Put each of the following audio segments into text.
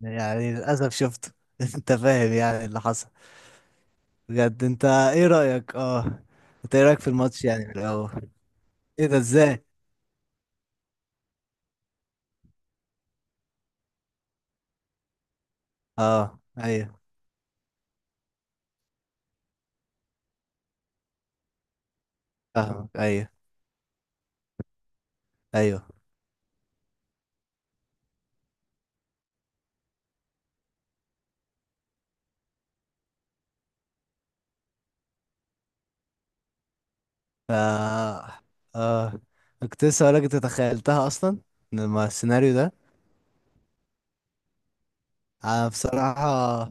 يعني للأسف شفته. انت فاهم يعني اللي حصل. بجد انت ايه رأيك؟ اه انت ايه رأيك في الماتش يعني من الأول؟ ايه ده ازاي؟ اه ايوه. فاهمك ايوه. ايوه. ف اه كنت لسه هقولك انت تخيلتها اصلا لما السيناريو ده. انا بصراحة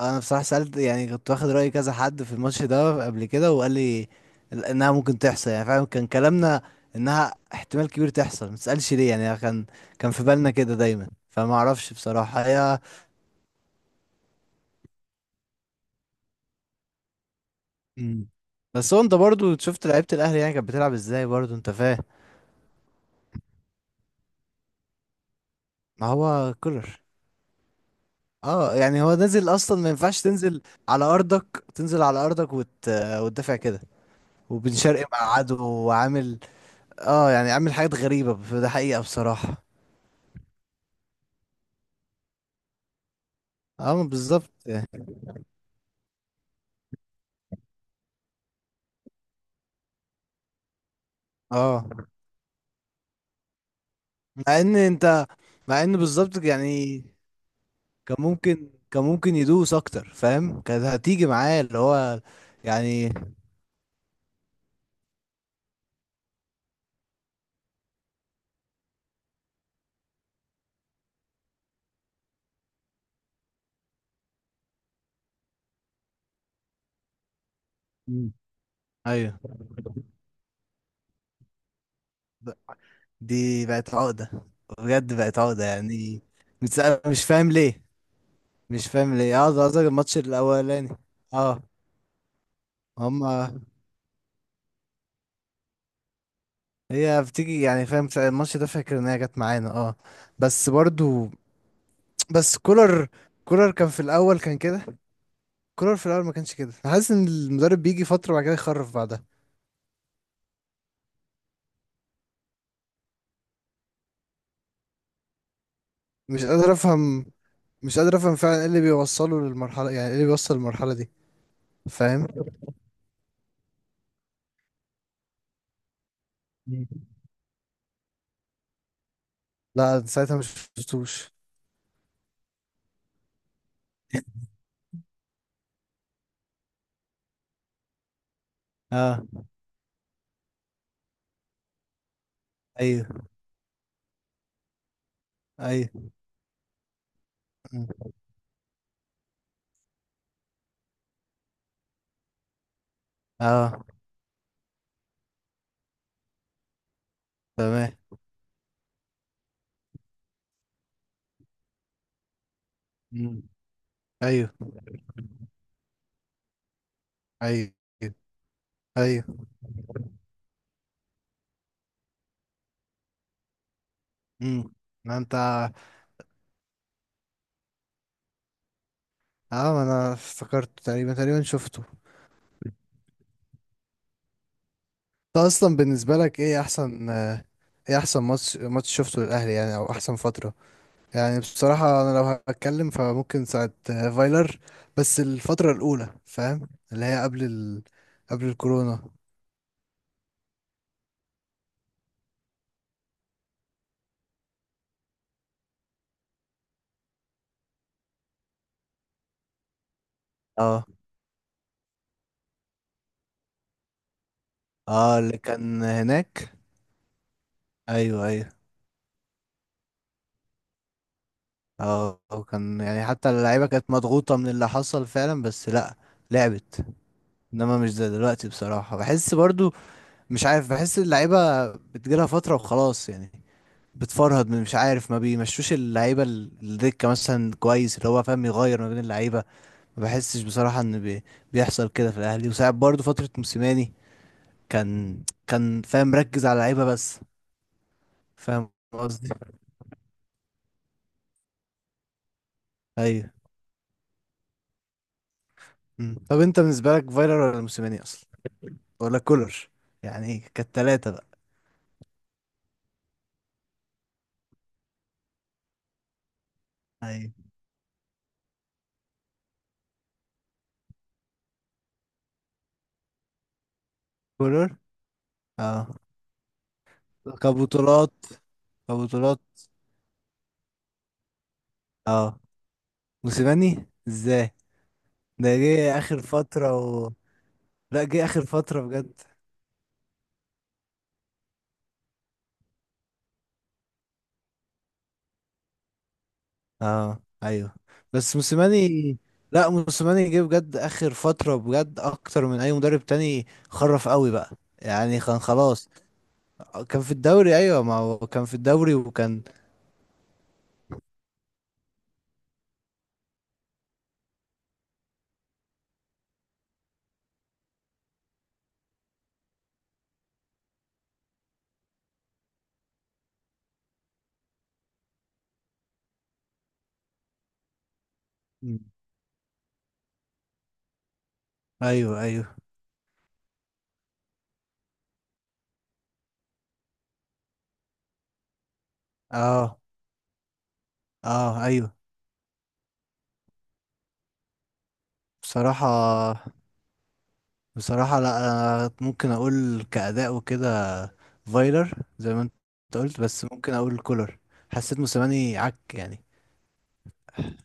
انا بصراحه سالت يعني كنت واخد راي كذا حد في الماتش ده قبل كده وقال لي انها ممكن تحصل يعني فعلا. كان كلامنا انها احتمال كبير تحصل، ما تسالش ليه. يعني كان في بالنا كده دايما، فما اعرفش بصراحه هي. مم. بس هو انت برضو شفت لعيبه الاهلي يعني كانت بتلعب ازاي برضو انت فاهم. ما هو كولر اه يعني هو نازل اصلا، ما ينفعش تنزل على ارضك، تنزل على ارضك وتدافع كده. وبن شرقي مع عدو وعامل، اه يعني عامل حاجات غريبه ده حقيقه بصراحه. اه بالظبط يعني. اه مع ان انت مع ان بالظبط يعني. كان ممكن يدوس اكتر فاهم، كانت هتيجي معاه اللي هو يعني. مم. ايوه. ب- دي بقت عقدة، بجد بقت عقدة يعني. مش فاهم ليه، مش فاهم ليه اه. ده قصدك الماتش الاولاني؟ اه. هما هي بتيجي يعني فاهم ساعة الماتش ده، فاكر ان هي جت معانا اه. بس برضو. بس كولر كان في الاول كان كده. كولر في الاول ما كانش كده، أنا حاسس ان المدرب بيجي فتره وبعد كده يخرف بعدها. مش قادر افهم مش قادر افهم فعلا ايه اللي بيوصله للمرحله، يعني ايه اللي بيوصل للمرحله دي. فاهم. مم. لا ساعتها مش شفتوش. اه ايوه. ايوه. مم. اه. تمام. مم. ايوه. ايوه. ايوه. امم. ما انت اه، ما انا افتكرت تقريبا تقريبا شفته. انت اصلا بالنسبه لك ايه احسن ايه احسن ماتش، ماتش شفته للاهلي يعني او احسن فتره. يعني بصراحة أنا لو هتكلم فممكن ساعة فايلر. بس الفترة الأولى فاهم اللي هي قبل قبل الكورونا. اه. اه اللي كان هناك. أيوه أيوه. اه وكان يعني حتى اللعيبة كانت مضغوطة من اللي حصل فعلا. بس لأ لعبت. إنما مش زي دلوقتي بصراحة، بحس برضو مش عارف بحس اللعيبة بتجيلها فترة وخلاص يعني. بتفرهد من مش عارف، ما بيمشوش اللعيبة الدكة مثلا كويس اللي هو فاهم، يغير ما بين اللعيبة. ما بحسش بصراحة ان بيحصل كده في الاهلي. وساعات برضو فترة موسيماني كان كان فاهم مركز على لعيبة بس. فاهم قصدي. ايوه. مم. طب انت بالنسبة لك فايلر ولا موسيماني اصلا ولا كولر؟ يعني ايه؟ كانت تلاتة بقى. ايوه. كولر. اه. كبطولات. كبطولات. اه. موسيماني ازاي؟ ده جه اخر فترة لا جه اخر فترة بجد. اه ايوه. بس موسيماني، لا موسيماني جه بجد اخر فتره بجد اكتر من اي مدرب تاني، خرف قوي بقى. يعني كان خلاص. كان في الدوري ايوه، ما هو كان في الدوري وكان. مم. ايوه. ايوه. اه. اه ايوه. بصراحه، بصراحه لا أنا ممكن اقول كاداء وكده فايلر زي ما انت قلت. بس ممكن اقول كولر، حسيت موسيماني عك يعني.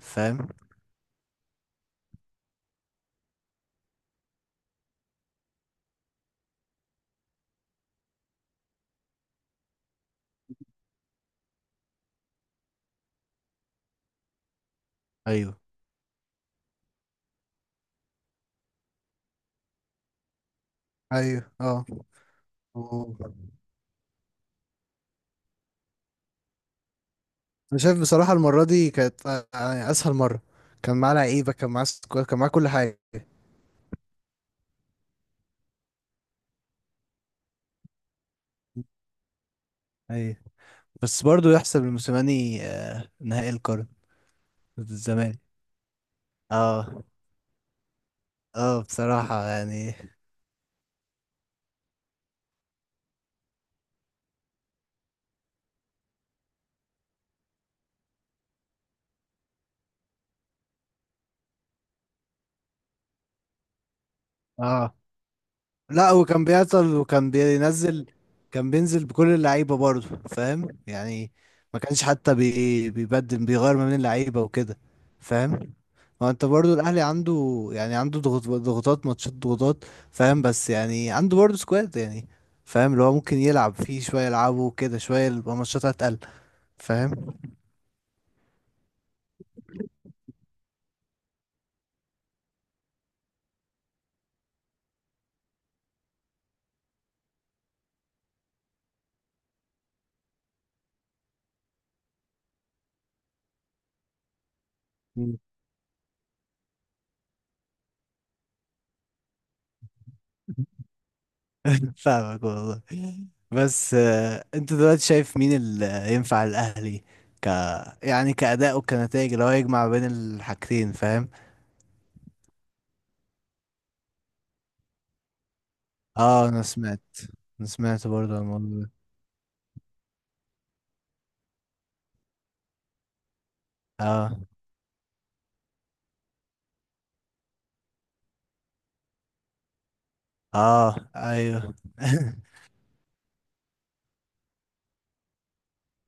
فاهم. ايوه. ايوه. اه انا شايف بصراحه المره دي كانت يعني اسهل مره. كان معاه لعيبه، كان معاه سكواد، كان معاه كل حاجه. ايوه. بس برضو يحسب لموسيماني نهائي القرن ضد الزمالك. اه. اه بصراحه يعني. اه لا هو كان بيعطل وكان بينزل. كان بينزل بكل اللعيبة برضه فاهم يعني. ما كانش حتى بيبدل، بيغير ما بين اللعيبة وكده. فاهم. ما انت برضه الاهلي عنده يعني عنده ضغط، ضغوطات ماتشات ضغوطات فاهم. بس يعني عنده برضه سكواد يعني، فاهم اللي هو ممكن يلعب فيه شوية، يلعبه كده شوية يبقى ماتشات هتقل فاهم. مم. فاهمك والله. بس انت دلوقتي شايف مين اللي ينفع الاهلي؟ ك يعني كأداء وكنتائج اللي هو يجمع بين الحاجتين فاهم. اه انا سمعت، انا سمعت برضه عن الموضوع ده. اه. اه ايوه.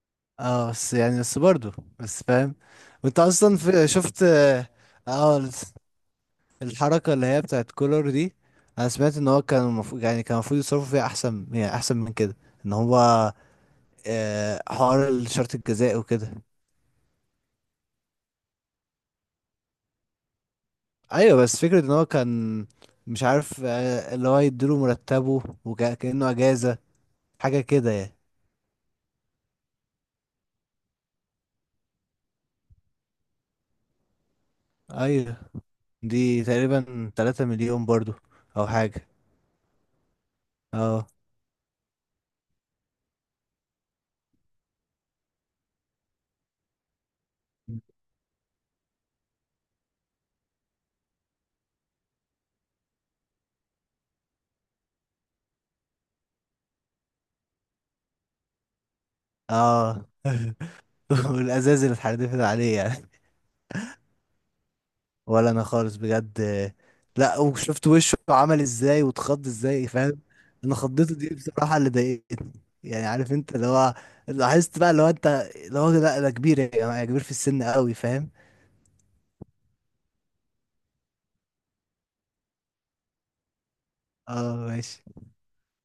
اه بس يعني، بس برضه، بس فاهم. وانت اصلا في شفت اه آه، الحركة اللي هي بتاعت كولر دي. انا سمعت ان هو كان المفروض يعني كان المفروض يصرفوا فيها احسن يعني احسن من كده. ان هو حوار الشرط الجزائي وكده. ايوه بس فكرة ان هو كان مش عارف اللي هو يديله مرتبه وكأنه اجازة، حاجة كده يعني. ايوه. دي تقريبا 3 مليون برضو او حاجة. اه. اه. والازاز اللي اتحدفت عليه يعني. ولا انا خالص بجد. لا وشفت وشه عمل ازاي واتخض ازاي فاهم. انا خضته دي بصراحه اللي ضايقتني. يعني عارف انت اللي هو، لاحظت بقى اللي هو انت، اللي هو لا ده كبير يا جماعه، كبير في السن قوي فاهم. اه ماشي.